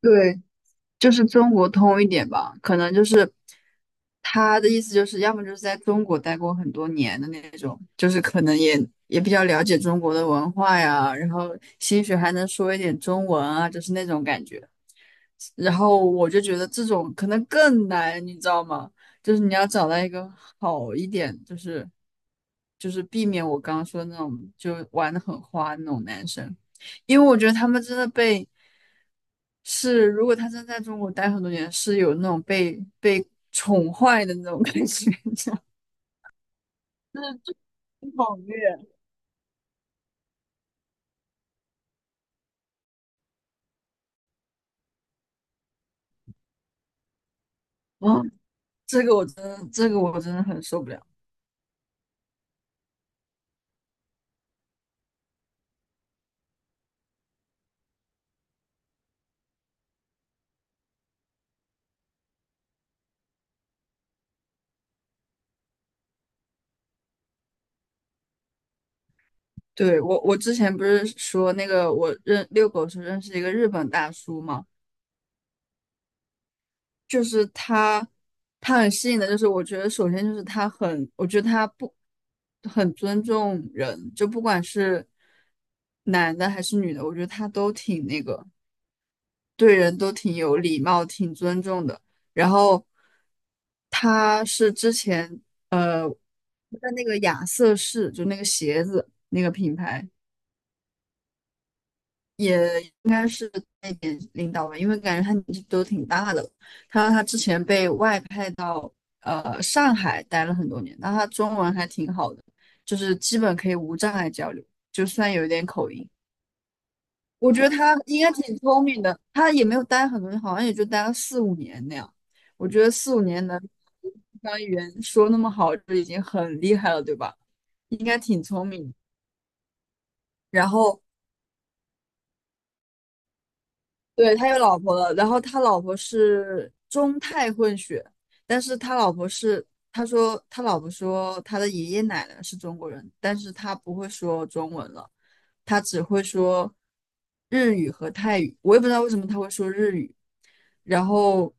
对，就是中国通一点吧，可能就是他的意思就是，要么就是在中国待过很多年的那种，就是可能也比较了解中国的文化呀，然后兴许还能说一点中文啊，就是那种感觉。然后我就觉得这种可能更难，你知道吗？就是你要找到一个好一点，就是避免我刚刚说的那种就玩的很花那种男生，因为我觉得他们真的被是，如果他真在中国待很多年，是有那种被宠坏的那种感觉，你知道吗暴虐啊，这个我真的很受不了。对，我之前不是说那个我认遛狗时候认识一个日本大叔嘛，就是他，他很吸引的，就是我觉得首先就是他很，我觉得他不很尊重人，就不管是男的还是女的，我觉得他都挺那个，对人都挺有礼貌，挺尊重的。然后他是之前在那个亚瑟士，就那个鞋子那个品牌。应该是那点领导吧，因为感觉他年纪都挺大的了。他说他之前被外派到上海待了很多年，那他中文还挺好的，就是基本可以无障碍交流，就算有一点口音。我觉得他应该挺聪明的，他也没有待很多年，好像也就待了四五年那样。我觉得四五年能把语言说那么好，就已经很厉害了，对吧？应该挺聪明。然后对，他有老婆了，然后他老婆是中泰混血，但是他老婆是，他说他老婆说他的爷爷奶奶是中国人，但是他不会说中文了，他只会说日语和泰语，我也不知道为什么他会说日语，然后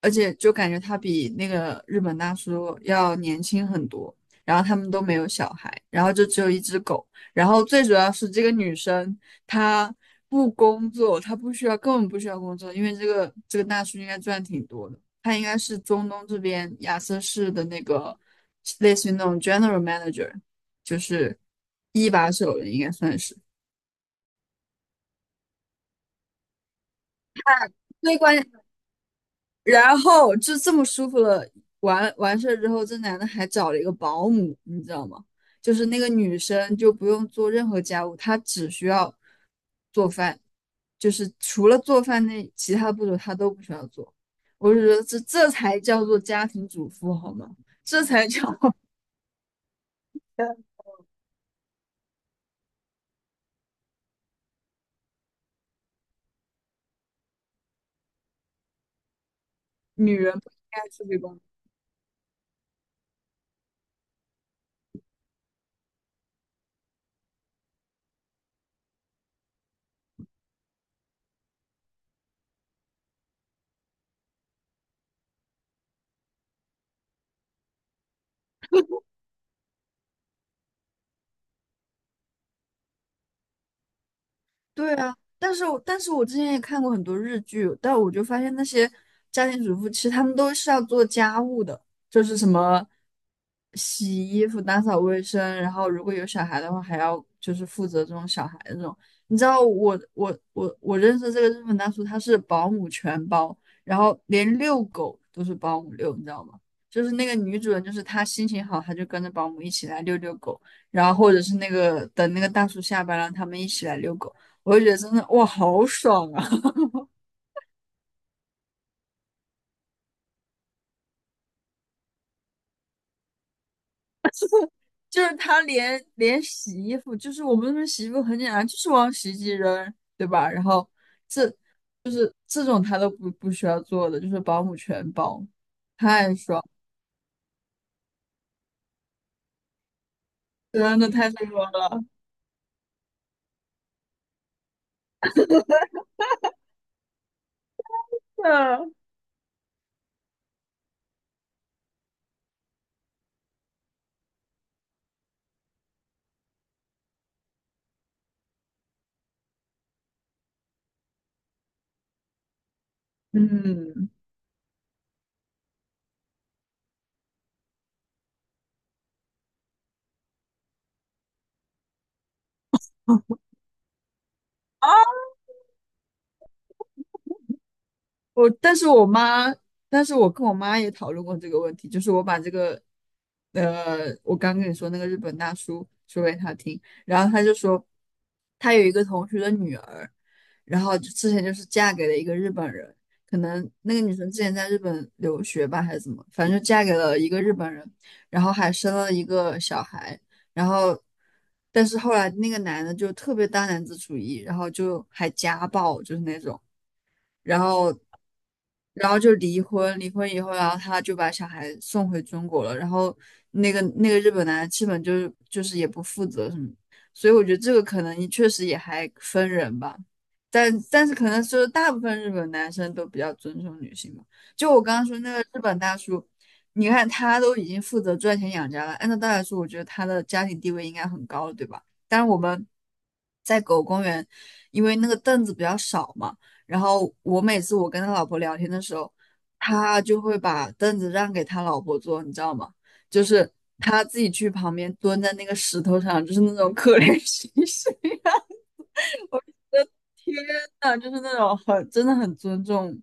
而且就感觉他比那个日本大叔要年轻很多。然后他们都没有小孩，然后就只有一只狗。然后最主要是这个女生她不工作，她不需要，根本不需要工作，因为这个大叔应该赚挺多的。他应该是中东这边亚瑟士的那个类似于那种 general manager,就是一把手了，应该算是。最关然后就这么舒服了，完完事儿之后，这男的还找了一个保姆，你知道吗？就是那个女生就不用做任何家务，她只需要做饭，就是除了做饭那其他步骤她都不需要做。我就觉得这才叫做家庭主妇好吗？这才叫 女人不应该出去工作。对啊，但是我之前也看过很多日剧，但我就发现那些家庭主妇其实他们都是要做家务的，就是什么洗衣服、打扫卫生，然后如果有小孩的话，还要就是负责这种小孩这种。你知道我认识这个日本大叔，他是保姆全包，然后连遛狗都是保姆遛，你知道吗？就是那个女主人，就是她心情好，她就跟着保姆一起来遛狗，然后或者是那个等那个大叔下班了，他们一起来遛狗。我就觉得真的哇，好爽啊！就是他连洗衣服，就是我们那边洗衣服很简单，就是往洗衣机扔，对吧？然后这这种他都不需要做的，就是保姆全包，太爽，真的太爽了。嗯。嗯我，但是我妈，但是我跟我妈也讨论过这个问题，就是我把这个，我刚跟你说那个日本大叔说给他听，然后他就说，他有一个同学的女儿，然后就之前就是嫁给了一个日本人，可能那个女生之前在日本留学吧，还是怎么，反正就嫁给了一个日本人，然后还生了一个小孩，然后，但是后来那个男的就特别大男子主义，然后就还家暴，就是那种。然后，然后就离婚，离婚以后，然后他就把小孩送回中国了，然后那个日本男的基本就是也不负责什么，所以我觉得这个可能确实也还分人吧，但是可能就是大部分日本男生都比较尊重女性吧，就我刚刚说那个日本大叔。你看，他都已经负责赚钱养家了，按照道理说，我觉得他的家庭地位应该很高了，对吧？但是我们在狗公园，因为那个凳子比较少嘛。然后我每次跟他老婆聊天的时候，他就会把凳子让给他老婆坐，你知道吗？就是他自己去旁边蹲在那个石头上，就是那种可怜兮兮。天呐，就是那种很真的很尊重，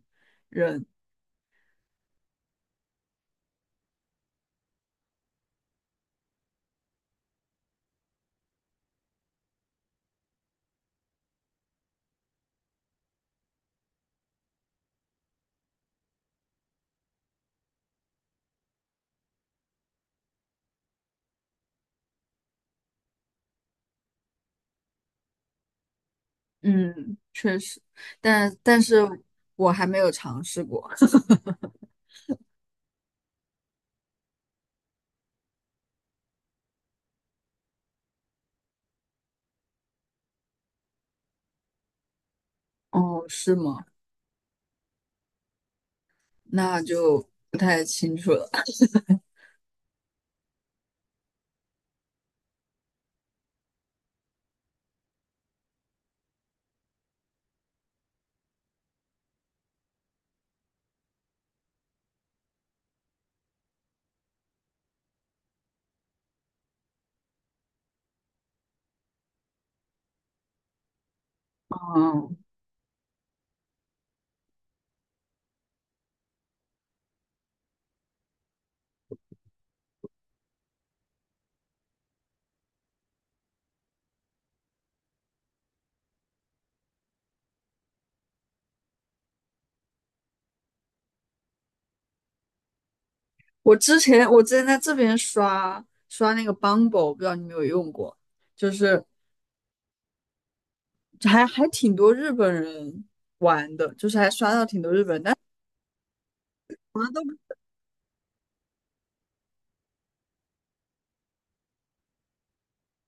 嗯，确实，但是我还没有尝试过。哦，是吗？那就不太清楚了。嗯，我之前在这边刷那个 Bumble,不知道你有没有用过，就是还挺多日本人玩的，就是还刷到挺多日本人。但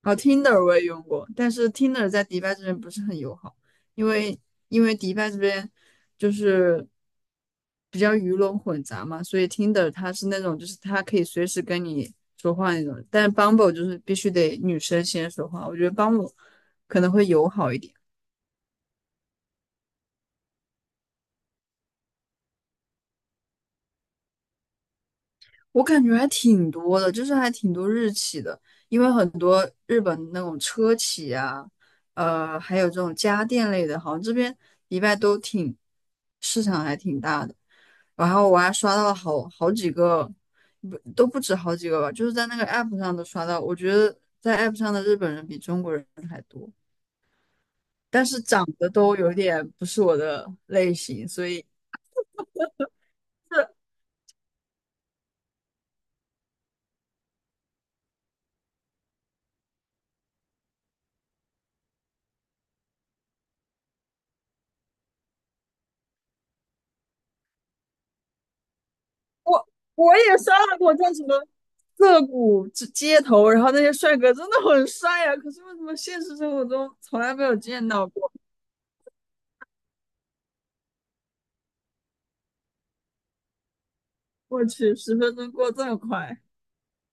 哦，Tinder 我也用过，但是 Tinder 在迪拜这边不是很友好，因为因为迪拜这边就是比较鱼龙混杂嘛，所以 Tinder 它是那种就是它可以随时跟你说话那种，但是 Bumble 就是必须得女生先说话，我觉得 Bumble 可能会友好一点。我感觉还挺多的，就是还挺多日企的，因为很多日本那种车企啊，还有这种家电类的，好像这边迪拜都挺市场还挺大的。然后我还刷到了好几个，不都不止好几个吧，就是在那个 app 上都刷到。我觉得在 app 上的日本人比中国人还多，但是长得都有点不是我的类型，所以。我也刷到过叫什么涩谷之街头，然后那些帅哥真的很帅呀、可是为什么现实生活中从来没有见到过？我去，十分钟过这么快。